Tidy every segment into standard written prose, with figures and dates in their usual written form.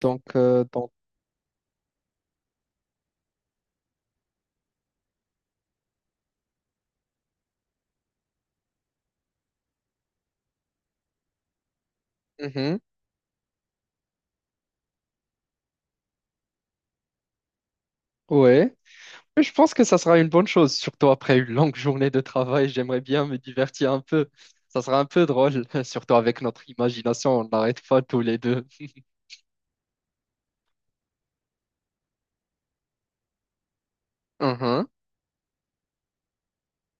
Donc, mhm, ouais. Mais je pense que ça sera une bonne chose, surtout après une longue journée de travail. J'aimerais bien me divertir un peu. Ça sera un peu drôle, surtout avec notre imagination. On n'arrête pas tous les deux. Mhm.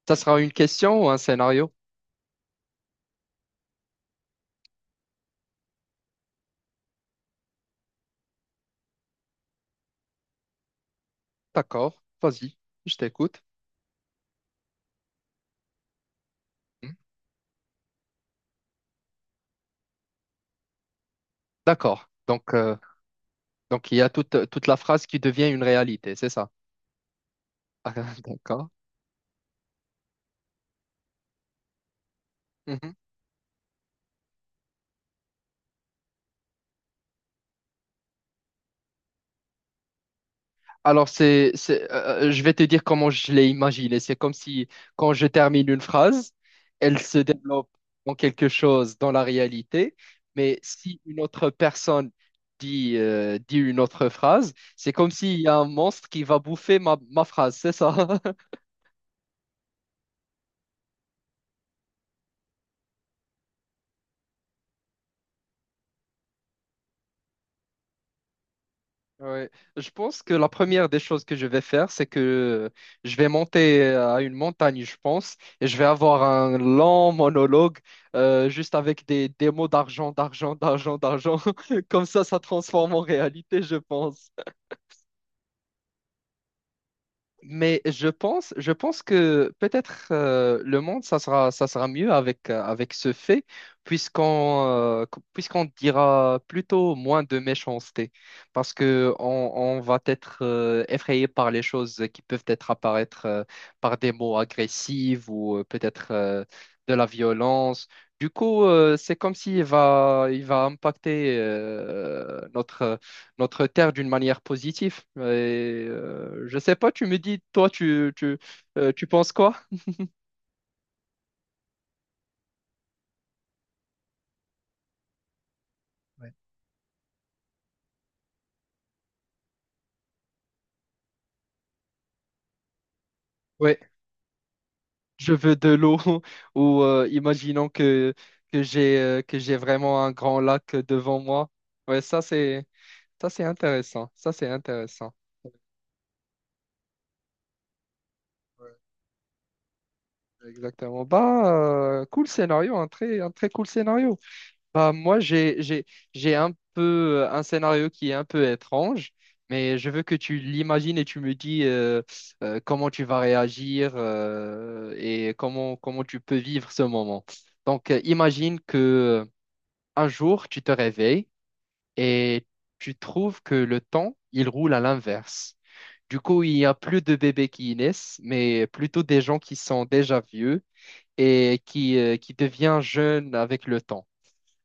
Ça sera une question ou un scénario? D'accord, vas-y, je t'écoute. Mhm. D'accord. Donc, il y a toute la phrase qui devient une réalité, c'est ça? Ah, d'accord. Alors, c'est je vais te dire comment je l'ai imaginé. C'est comme si, quand je termine une phrase, elle se développe en quelque chose dans la réalité. Mais si une autre personne dit une autre phrase, c'est comme s'il y a un monstre qui va bouffer ma phrase. C'est ça? Ouais. Je pense que la première des choses que je vais faire, c'est que je vais monter à une montagne, je pense, et je vais avoir un long monologue juste avec des mots d'argent, d'argent, d'argent, d'argent. Comme ça transforme en réalité, je pense. Mais je pense que peut-être le monde, ça sera mieux avec, avec ce fait, puisqu'on dira plutôt moins de méchanceté, parce que on va être effrayé par les choses qui peuvent être apparaître par des mots agressifs ou peut-être de la violence. Du coup, c'est comme s'il va, il va impacter notre notre terre d'une manière positive. Et, je sais pas, tu me dis, toi, tu penses quoi? Ouais. Ouais, je veux de l'eau ou imaginons que j'ai vraiment un grand lac devant moi. Ouais, ça c'est intéressant. Ça c'est intéressant. Ouais, exactement. Bah, cool scénario, un très cool scénario. Bah, j'ai un peu un scénario qui est un peu étrange, mais je veux que tu l'imagines et tu me dis comment tu vas réagir et comment, comment tu peux vivre ce moment. Donc, imagine que euh, un jour, tu te réveilles et tu trouves que le temps, il roule à l'inverse. Du coup, il n'y a plus de bébés qui naissent, mais plutôt des gens qui sont déjà vieux et qui deviennent jeunes avec le temps.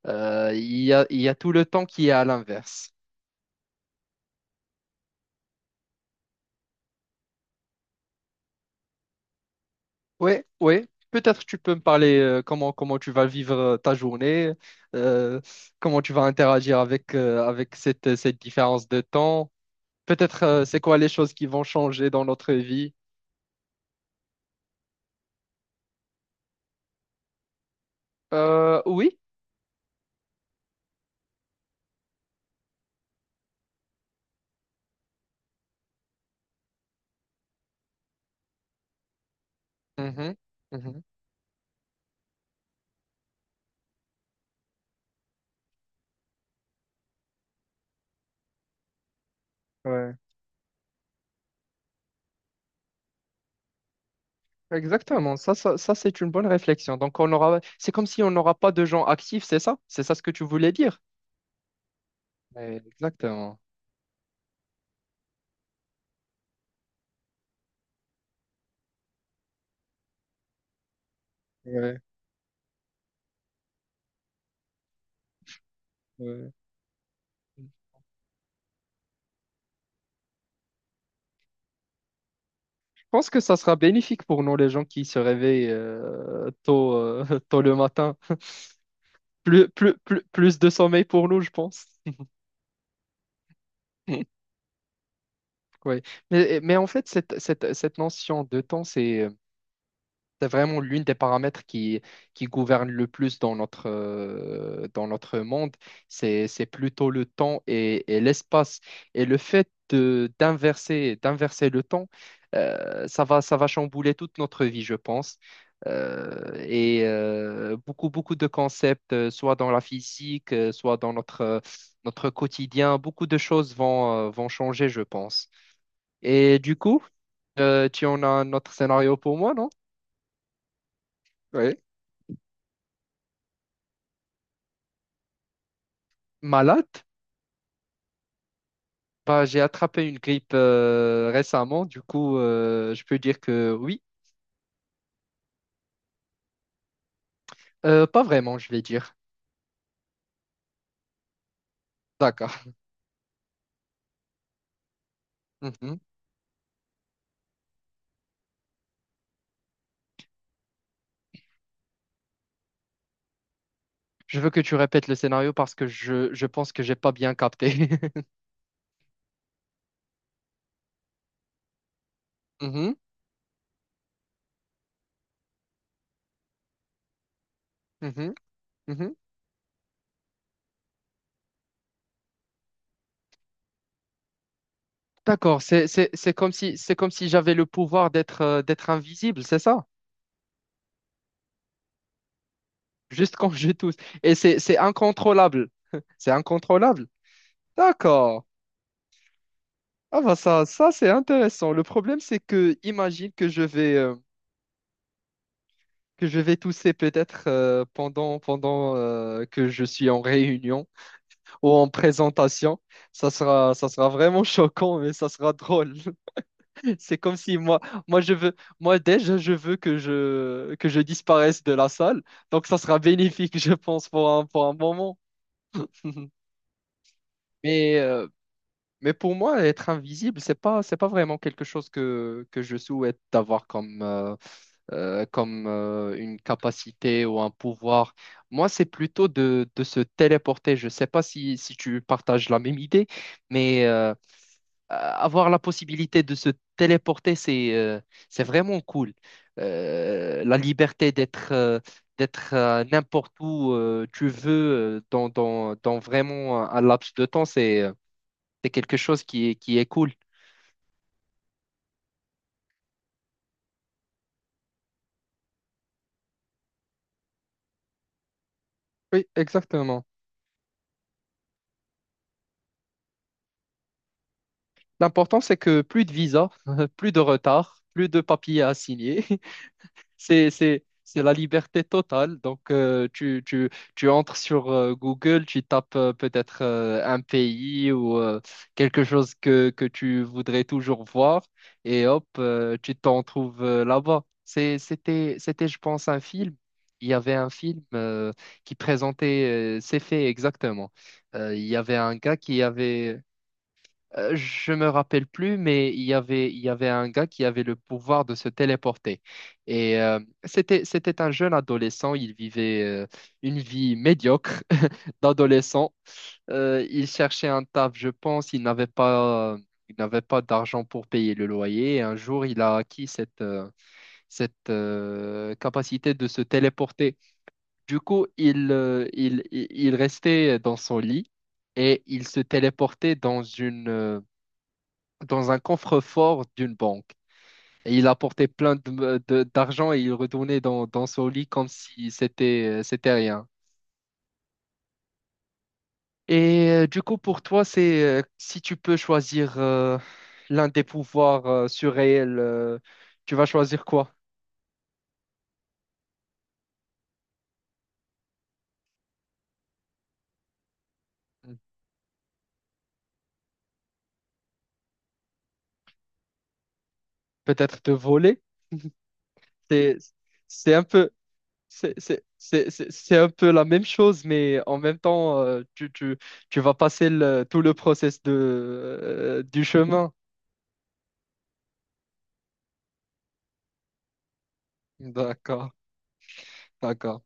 Il y a tout le temps qui est à l'inverse. Oui, oui. Peut-être tu peux me parler comment, comment tu vas vivre ta journée, euh, comment tu vas interagir avec, avec cette, cette différence de temps. Peut-être c'est quoi les choses qui vont changer dans notre vie. Oui. Mhm, mhm. Ouais. Exactement. Ça, c'est une bonne réflexion. Donc, on aura... c'est comme si on n'aura pas de gens actifs, c'est ça? C'est ça ce que tu voulais dire? Ouais, exactement. Ouais, ouais. Pense que ça sera bénéfique pour nous, les gens qui se réveillent tôt, tôt le matin. Plus, plus, plus, plus de sommeil pour nous, je pense. Oui. Mais en fait, cette notion de temps, c'est vraiment l'une des paramètres qui gouverne le plus dans notre monde. C'est plutôt le temps et l'espace. Et le fait d'inverser le temps, ça va chambouler toute notre vie, je pense. Et beaucoup, beaucoup de concepts, soit dans la physique, soit dans notre, notre quotidien, beaucoup de choses vont changer, je pense. Et du coup, tu en as un autre scénario pour moi, non? Oui. Malade? Bah, j'ai attrapé une grippe récemment, du coup, je peux dire que oui. Pas vraiment, je vais dire. D'accord. Mhm. Je veux que tu répètes le scénario parce que je pense que j'ai pas bien capté. Mhm, mhm, mhm. D'accord, c'est comme si j'avais le pouvoir d'être d'être invisible, c'est ça? Juste quand je tousse. Et c'est incontrôlable. C'est incontrôlable. D'accord. Ah bah ça, ça c'est intéressant. Le problème, c'est que imagine que je vais tousser peut-être pendant que je suis en réunion ou en présentation. Ça sera vraiment choquant, mais ça sera drôle. C'est comme si moi, moi déjà, je veux que que je disparaisse de la salle. Donc, ça sera bénéfique, je pense, pour pour un moment. Mais, euh, mais pour moi, être invisible, c'est pas vraiment quelque chose que je souhaite avoir comme, comme une capacité ou un pouvoir. Moi, c'est plutôt de se téléporter. Je ne sais pas si, si tu partages la même idée, mais avoir la possibilité de se téléporter, c'est vraiment cool. La liberté d'être n'importe où tu veux dans, dans vraiment un laps de temps, c'est quelque chose qui est cool. Oui, exactement. L'important, c'est que plus de visa, plus de retard, plus de papiers à signer. C'est la liberté totale. Donc, tu entres sur Google, tu tapes peut-être un pays ou quelque chose que tu voudrais toujours voir et hop, tu t'en trouves là-bas. C'était, je pense, un film. Il y avait un film qui présentait ces faits exactement. Il y avait un gars qui avait Je me rappelle plus, mais il y avait un gars qui avait le pouvoir de se téléporter. Et c'était un jeune adolescent. Il vivait une vie médiocre d'adolescent. Il cherchait un taf, je pense. Il n'avait pas d'argent pour payer le loyer. Et un jour, il a acquis cette capacité de se téléporter. Du coup, il restait dans son lit et il se téléportait dans une dans un coffre-fort d'une banque. Et il apportait plein d'argent et il retournait dans son lit comme si c'était rien. Et du coup, pour toi, c'est si tu peux choisir l'un des pouvoirs surréels, tu vas choisir quoi? Peut-être te voler? C'est, c'est un peu, c'est un peu la même chose, mais en même temps, tu vas passer le- tout le process de, du chemin. D'accord, d'accord.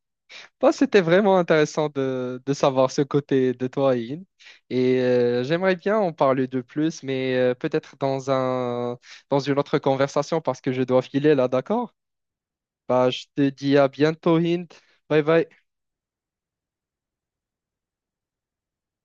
Bah, c'était vraiment intéressant de savoir ce côté de toi, Ian. Et j'aimerais bien en parler de plus, mais peut-être dans une autre conversation parce que je dois filer là, d'accord? Bah, je te dis à bientôt, Ian. Bye bye.